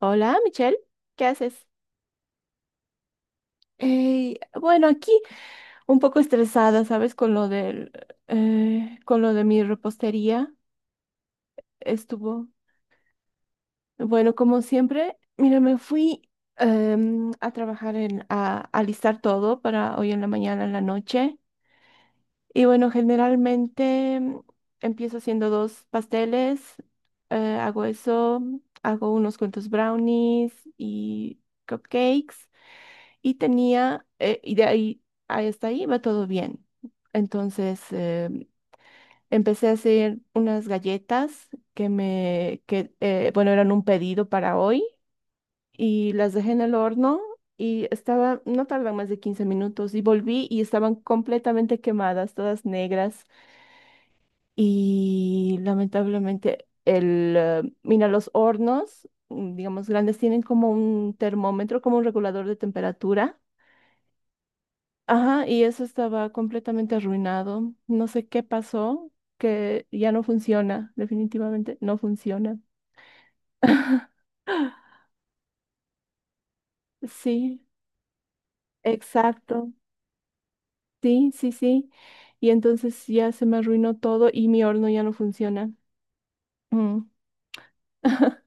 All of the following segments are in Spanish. Hola, Michelle, ¿qué haces? Ey, bueno, aquí un poco estresada, ¿sabes? Con lo del, con lo de mi repostería estuvo, bueno, como siempre, mira, me fui a trabajar a alistar todo para hoy en la mañana, en la noche. Y bueno, generalmente empiezo haciendo dos pasteles, hago eso, hago unos cuantos brownies y cupcakes. Y tenía, y de ahí hasta ahí va todo bien. Entonces empecé a hacer unas galletas que bueno, eran un pedido para hoy y las dejé en el horno y estaba, no tardan más de 15 minutos y volví y estaban completamente quemadas, todas negras. Y lamentablemente el, mira, los hornos, digamos, grandes tienen como un termómetro, como un regulador de temperatura. Ajá, y eso estaba completamente arruinado. No sé qué pasó, que ya no funciona, definitivamente no funciona. Sí, exacto. Sí, sí, sí. Y entonces ya se me arruinó todo y mi horno ya no funciona. Mm.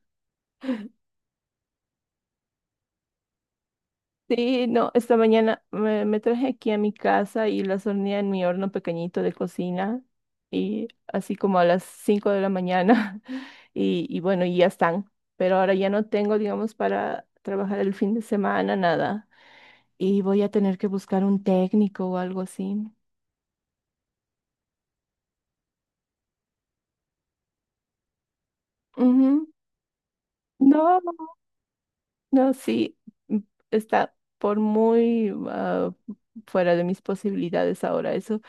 Sí, no, esta mañana me traje aquí a mi casa y las horneé en mi horno pequeñito de cocina y así como a las 5 de la mañana. Y bueno, y ya están. Pero ahora ya no tengo, digamos, para trabajar el fin de semana, nada. Y voy a tener que buscar un técnico o algo así. Ujú. No, no, sí, m- está por muy fuera de mis posibilidades ahora eso.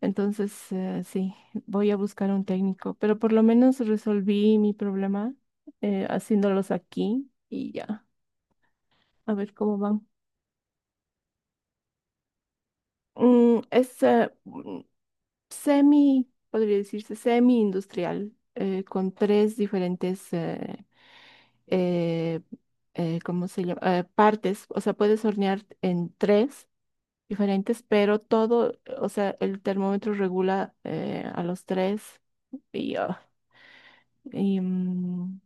Entonces, sí, voy a buscar un técnico, pero por lo menos resolví mi problema, haciéndolos aquí y ya, a ver cómo van. Es semi, podría decirse semi-industrial, con tres diferentes, eh, ¿cómo se llama? Partes, o sea, puedes hornear en tres diferentes, pero todo, o sea, el termómetro regula a los tres y, ah, y, mm,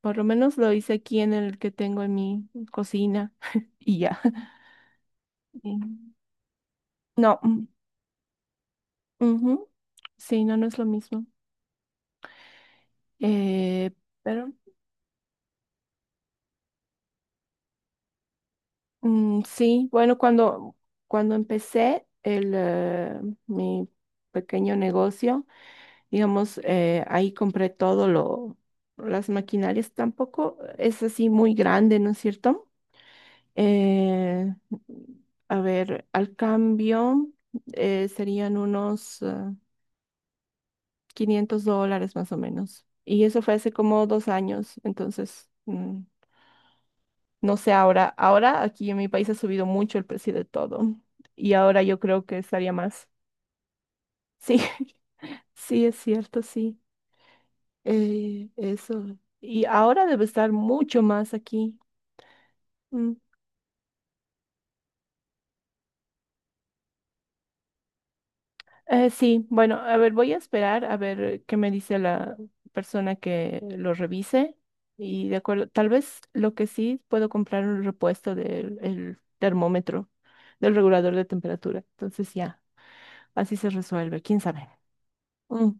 por lo menos lo hice aquí en el que tengo en mi cocina y ya. Y- No, ujú. Sí, no, no es lo mismo. Eh, pero sí, bueno, cuando empecé el, mi pequeño negocio, digamos, ahí compré todo lo, las maquinarias, tampoco es así muy grande, ¿no es cierto? Eh, a ver, al cambio serían unos... $500 más o menos. Y eso fue hace como 2 años, entonces no sé ahora. Ahora aquí en mi país ha subido mucho el precio de todo y ahora yo creo que estaría más. Sí, sí, es cierto, sí. Eso. Y ahora debe estar mucho más aquí. Mm. Sí, bueno, a ver, voy a esperar a ver qué me dice la persona que lo revise. Y de acuerdo, tal vez lo que sí puedo comprar un repuesto del el termómetro, del regulador de temperatura. Entonces ya, así se resuelve, quién sabe. Mm.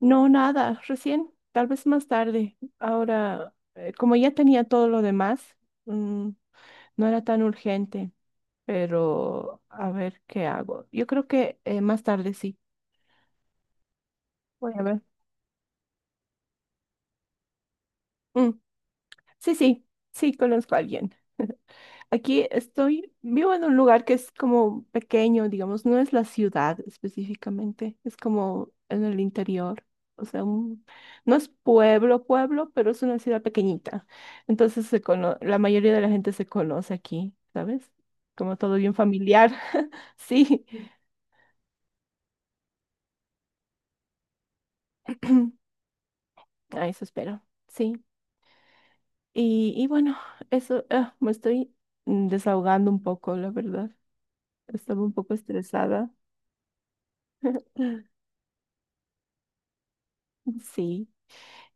No, nada, recién, tal vez más tarde. Ahora, como ya tenía todo lo demás, mm, no era tan urgente, pero a ver qué hago. Yo creo que más tarde sí, voy a ver. Mm. Sí, sí, sí, conozco a alguien. Aquí estoy, vivo en un lugar que es como pequeño, digamos, no es la ciudad específicamente, es como en el interior. O sea, no es pueblo, pueblo, pero es una ciudad pequeñita. Entonces la mayoría de la gente se conoce aquí, ¿sabes? Como todo bien familiar. Sí, a eso espero. Sí. Y bueno, eso, me estoy desahogando un poco, la verdad. Estaba un poco estresada. Sí,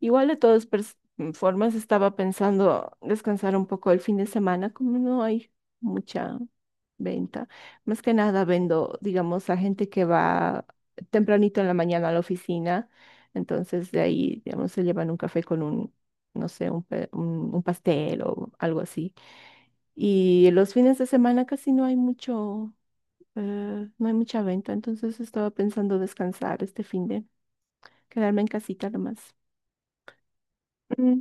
igual de todas formas estaba pensando descansar un poco el fin de semana, como no hay mucha venta. Más que nada vendo, digamos, a gente que va tempranito en la mañana a la oficina, entonces de ahí, digamos, se llevan un café con un, no sé, un pastel o algo así. Y los fines de semana casi no hay mucho, no hay mucha venta, entonces estaba pensando descansar este fin. Quedarme en casita nomás. Mm.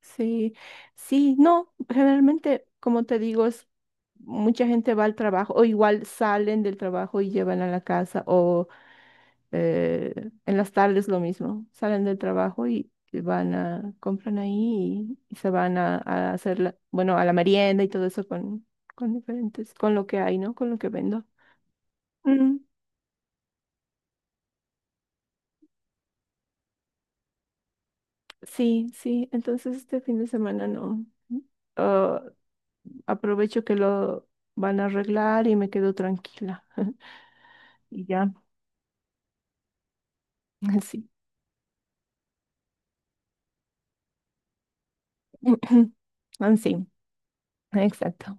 Sí, sí, no, generalmente, como te digo, es mucha gente va al trabajo o igual salen del trabajo y llevan a la casa o eh, en las tardes lo mismo, salen del trabajo y van a, compran ahí y se van a hacer, bueno, a la merienda y todo eso con diferentes, con lo que hay, ¿no? Con lo que vendo. Mm, sí, sí, entonces este fin de semana no. Ah, aprovecho que lo van a arreglar y me quedo tranquila. Y ya, así. Así, exacto.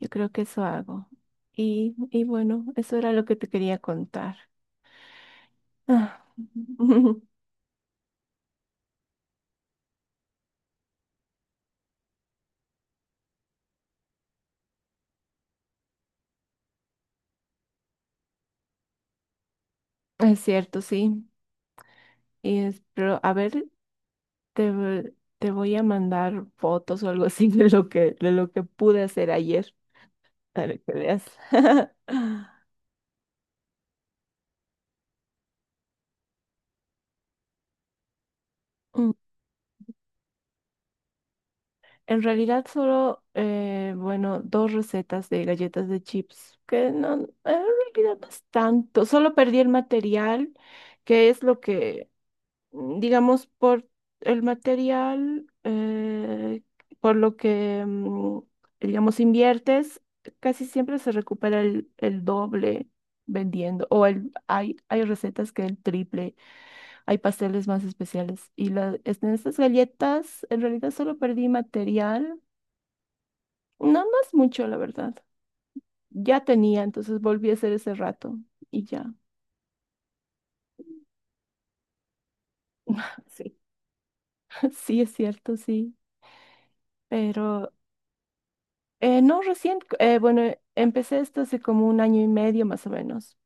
Yo creo que eso hago. Y bueno, eso era lo que te quería contar. Ah. Es cierto, sí. Pero a ver, te voy a mandar fotos o algo así de lo que pude hacer ayer para que veas. Mm. En realidad solo, bueno, dos recetas de galletas de chips, que no, en realidad no es tanto, solo perdí el material, que es lo que, digamos, por el material, por lo que, digamos, inviertes, casi siempre se recupera el doble vendiendo, o el, hay recetas que el triple, hay pasteles más especiales, y la, en estas galletas, en realidad solo perdí material no más mucho, la verdad. Ya tenía, entonces volví a hacer ese rato y ya. Sí. Sí, es cierto, sí. Pero no recién, bueno, empecé esto hace como un año y medio más o menos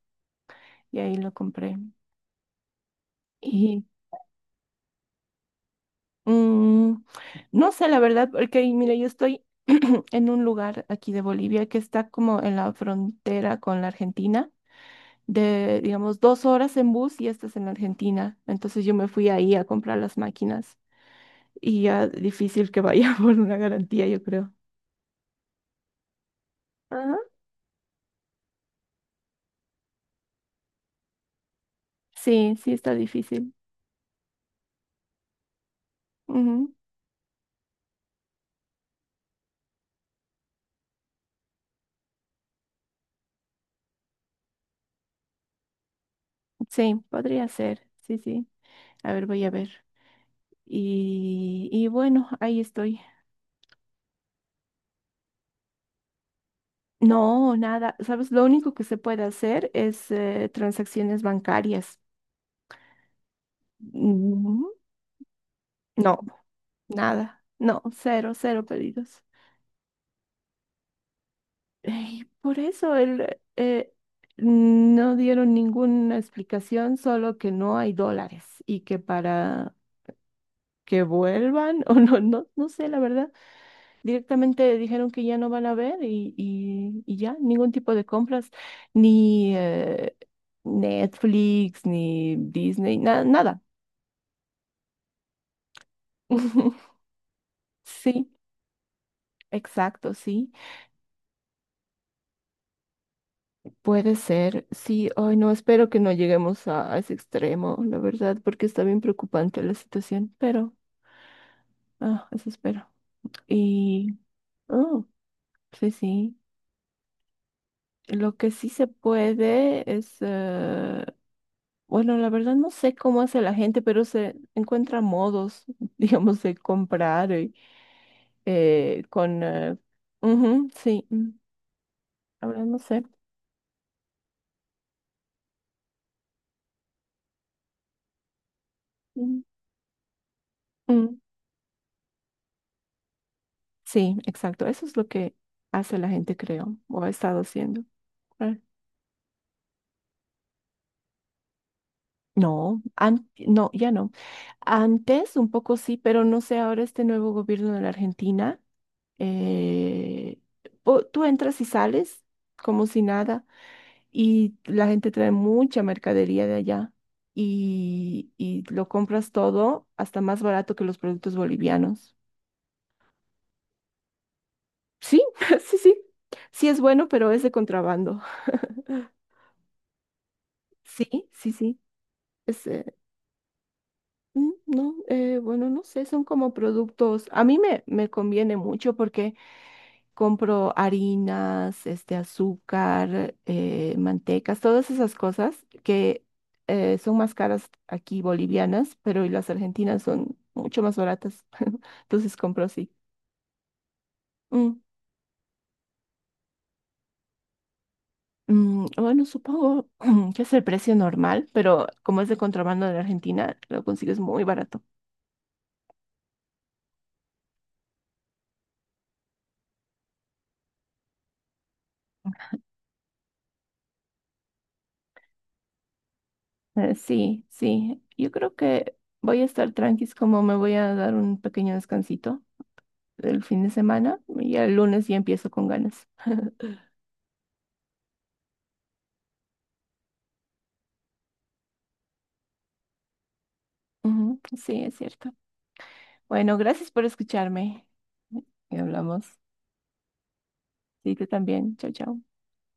y ahí lo compré. Y mm, no sé, la verdad, porque mira, yo estoy en un lugar aquí de Bolivia que está como en la frontera con la Argentina, de, digamos, 2 horas en bus y esta es en la Argentina. Entonces yo me fui ahí a comprar las máquinas, y ya difícil que vaya por una garantía, yo creo. Ajá. Sí, sí está difícil. Ujú. Sí, podría ser. Sí, sí. A ver, voy a ver. Y bueno, ahí estoy. No, nada. ¿Sabes? Lo único que se puede hacer es, transacciones bancarias. Mm. No, nada. No, cero, cero pedidos. Ey, por eso el, no dieron ninguna explicación, solo que no hay dólares y que para que vuelvan o no, no, no sé, la verdad. Directamente dijeron que ya no van a ver y ya, ningún tipo de compras, ni Netflix, ni Disney, nada. Sí, exacto, sí. Puede ser, sí. Ay, no, espero que no lleguemos a ese extremo, la verdad, porque está bien preocupante la situación, pero, eso espero. Y, oh, sí, sí. Lo que sí se puede es... bueno, la verdad no sé cómo hace la gente, pero se encuentra modos, digamos, de comprar con... ujú, sí, la no sé. Mm, mm, sí, exacto. Eso es lo que hace la gente, creo, o ha estado haciendo. Ah. No, ya no. Antes un poco sí, pero no sé, ahora este nuevo gobierno de la Argentina, eh, tú entras y sales como si nada. Y la gente trae mucha mercadería de allá y lo compras todo hasta más barato que los productos bolivianos. Sí, sí, sí. Sí es bueno, pero es de contrabando. Sí, sí, sí. Es, no, bueno, no sé, son como productos. A mí me conviene mucho porque compro harinas, este, azúcar, mantecas, todas esas cosas que son más caras aquí bolivianas, pero y las argentinas son mucho más baratas. Entonces compro así. Mm, bueno, supongo que es el precio normal, pero como es de contrabando de Argentina, lo consigues muy barato. Sí, sí. Yo creo que voy a estar tranquis como me voy a dar un pequeño descansito el fin de semana y el lunes ya empiezo con ganas. Ujú, sí, es cierto. Bueno, gracias por escucharme. Y hablamos. Sí, tú también. Chao, chao.